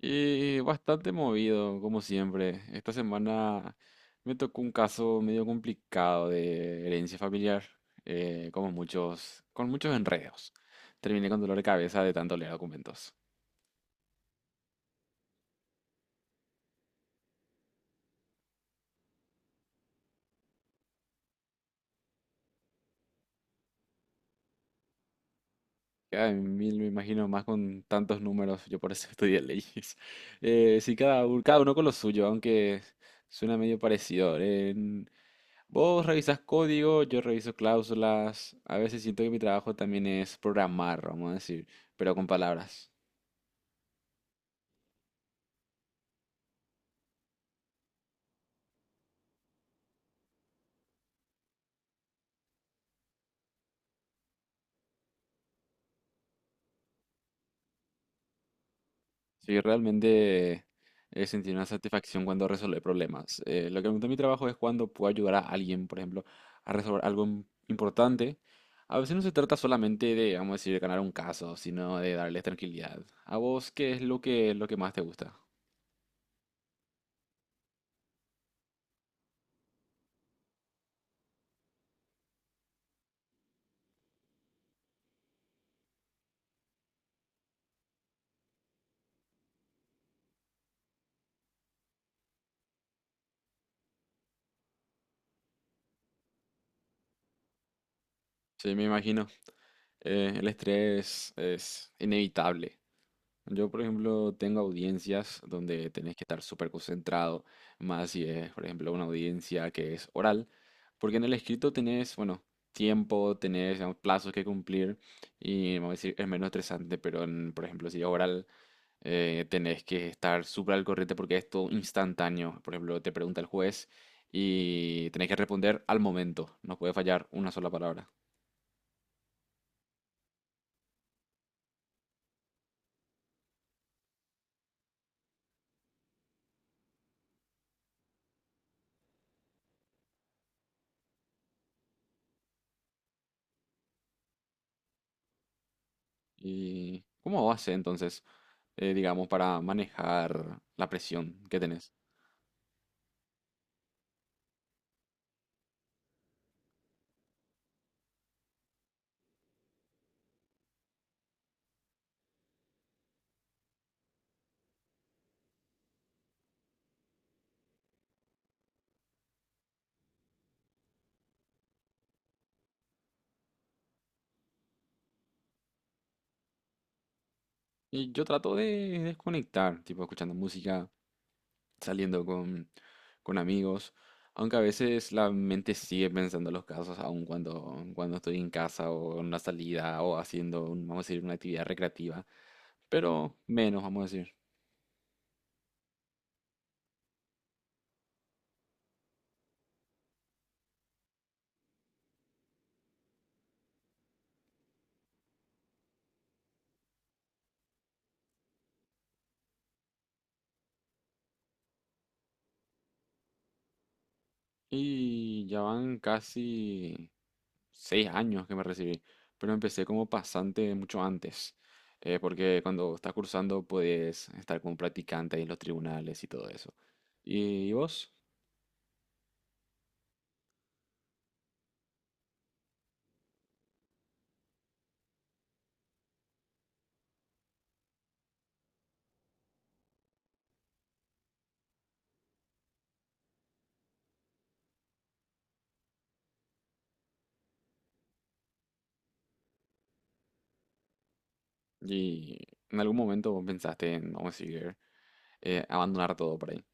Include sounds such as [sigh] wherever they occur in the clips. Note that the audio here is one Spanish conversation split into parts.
Y bastante movido, como siempre. Esta semana me tocó un caso medio complicado de herencia familiar, como muchos, con muchos enredos. Terminé con dolor de cabeza de tanto leer documentos. Ay, mil me imagino más con tantos números, yo por eso [laughs] estudié leyes. Sí, cada uno con lo suyo, aunque suena medio parecido. Vos revisas código, yo reviso cláusulas. A veces siento que mi trabajo también es programar, vamos a decir, pero con palabras. Sí, realmente he sentido una satisfacción cuando resuelve problemas. Lo que me gusta de mi trabajo es cuando puedo ayudar a alguien, por ejemplo, a resolver algo importante. A veces no se trata solamente de, vamos a decir, ganar un caso, sino de darles tranquilidad. ¿A vos qué es lo que más te gusta? Sí, me imagino. El estrés es inevitable. Yo, por ejemplo, tengo audiencias donde tenés que estar súper concentrado, más si es, por ejemplo, una audiencia que es oral, porque en el escrito tenés, bueno, tiempo, tenés, digamos, plazos que cumplir y, vamos a decir, es menos estresante, pero en, por ejemplo, si es oral, tenés que estar súper al corriente porque es todo instantáneo. Por ejemplo, te pregunta el juez y tenés que responder al momento, no puede fallar una sola palabra. ¿Y cómo haces entonces, digamos, para manejar la presión que tenés? Y yo trato de desconectar, tipo escuchando música, saliendo con amigos, aunque a veces la mente sigue pensando en los casos, aun cuando estoy en casa o en una salida o haciendo, vamos a decir, una actividad recreativa, pero menos, vamos a decir. Y ya van casi 6 años que me recibí, pero empecé como pasante mucho antes, porque cuando estás cursando puedes estar como practicante ahí en los tribunales y todo eso. ¿Y vos? ¿Y en algún momento vos pensaste en, vamos a decir, abandonar todo por ahí?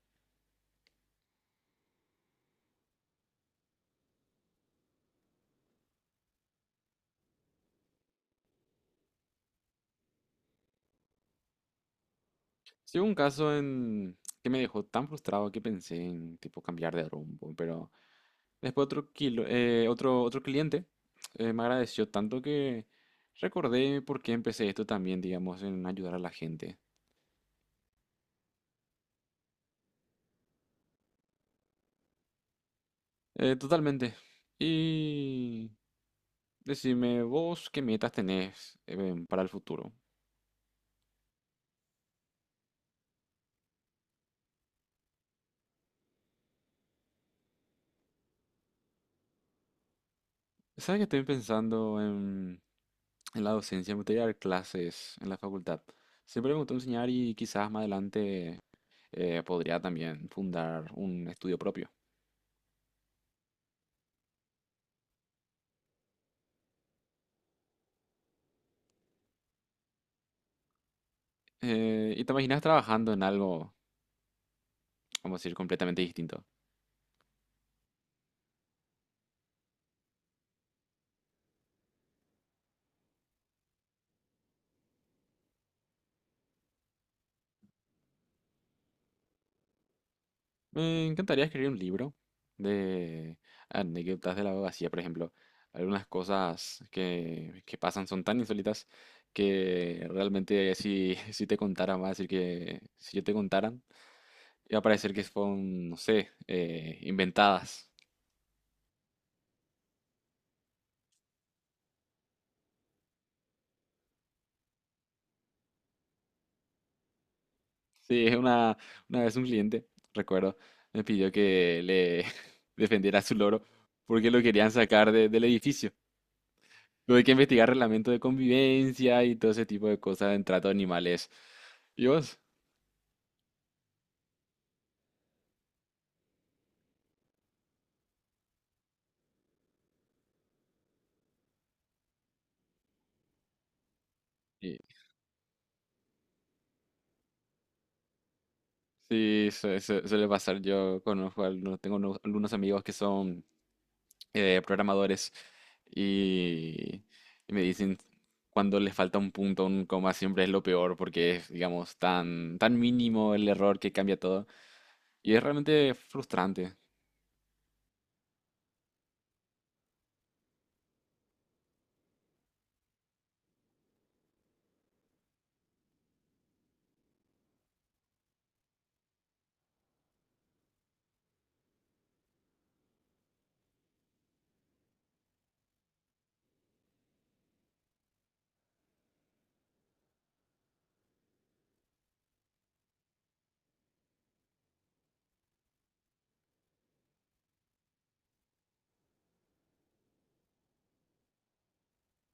Sí, hubo un caso en que me dejó tan frustrado que pensé en tipo cambiar de rumbo, pero después otro cliente me agradeció tanto que recordé por qué empecé esto también, digamos, en ayudar a la gente. Totalmente. Y decime, vos, ¿qué metas tenés, para el futuro? Sabes que estoy pensando en la docencia, me gustaría dar clases en la facultad. Siempre me gustó enseñar y quizás más adelante podría también fundar un estudio propio. ¿Y te imaginas trabajando en algo, vamos a decir, completamente distinto? Me encantaría escribir un libro de anécdotas de la abogacía, por ejemplo. Algunas cosas que pasan son tan insólitas que realmente si, [laughs] si te contaran, va a decir que si yo te contaran, iba a parecer que son, no sé, inventadas. Sí, es una vez un cliente, recuerdo, me pidió que le [laughs] defendiera a su loro porque lo querían sacar del edificio. Tuve que investigar reglamento de convivencia y todo ese tipo de cosas en trato de animales. ¿Y vos? Y- Sí, suele pasar. Yo conozco, algunos, tengo algunos amigos que son programadores y, y me dicen cuando les falta un punto, un coma, siempre es lo peor porque es, digamos, tan, tan mínimo el error que cambia todo. Y es realmente frustrante.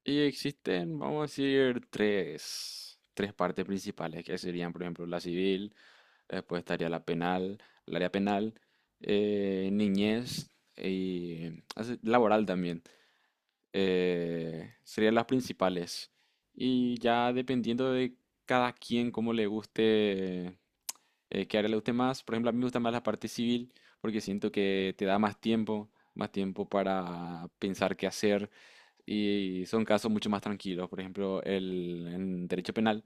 Y existen, vamos a decir, tres partes principales, que serían, por ejemplo, la civil. Después estaría la penal, el área penal, niñez y así, laboral también. Serían las principales. Y ya dependiendo de cada quien, cómo le guste, qué área le guste más. Por ejemplo, a mí me gusta más la parte civil porque siento que te da más tiempo para pensar qué hacer y son casos mucho más tranquilos. Por ejemplo, en derecho penal,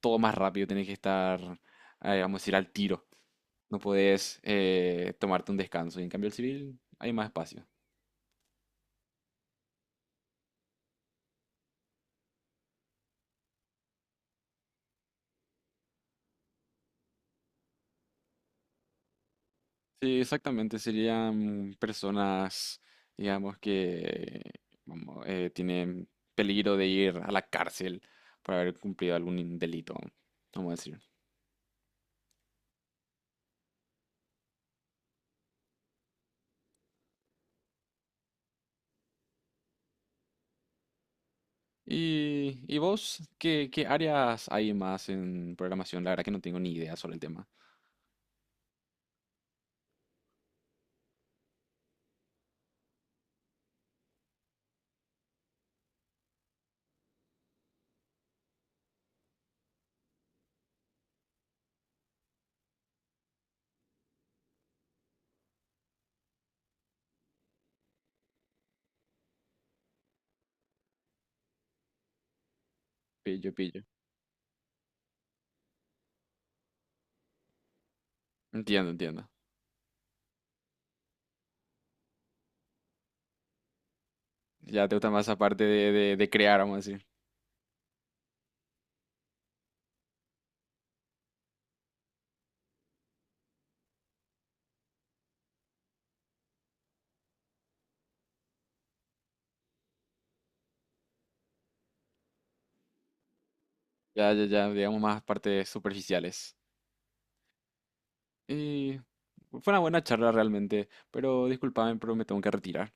todo más rápido, tienes que estar, vamos a decir, al tiro. No podés, tomarte un descanso. Y en cambio el civil hay más espacio. Sí, exactamente. Serían personas, digamos, que vamos, tienen peligro de ir a la cárcel por haber cumplido algún delito, vamos a decir. Y vos? ¿Qué, qué áreas hay más en programación? La verdad que no tengo ni idea sobre el tema. Pillo, pillo. Entiendo, entiendo. Ya te gusta más esa parte de crear, vamos a decir. Ya, ya, ya, digamos más partes superficiales. Y fue una buena charla realmente, pero discúlpame, pero me tengo que retirar.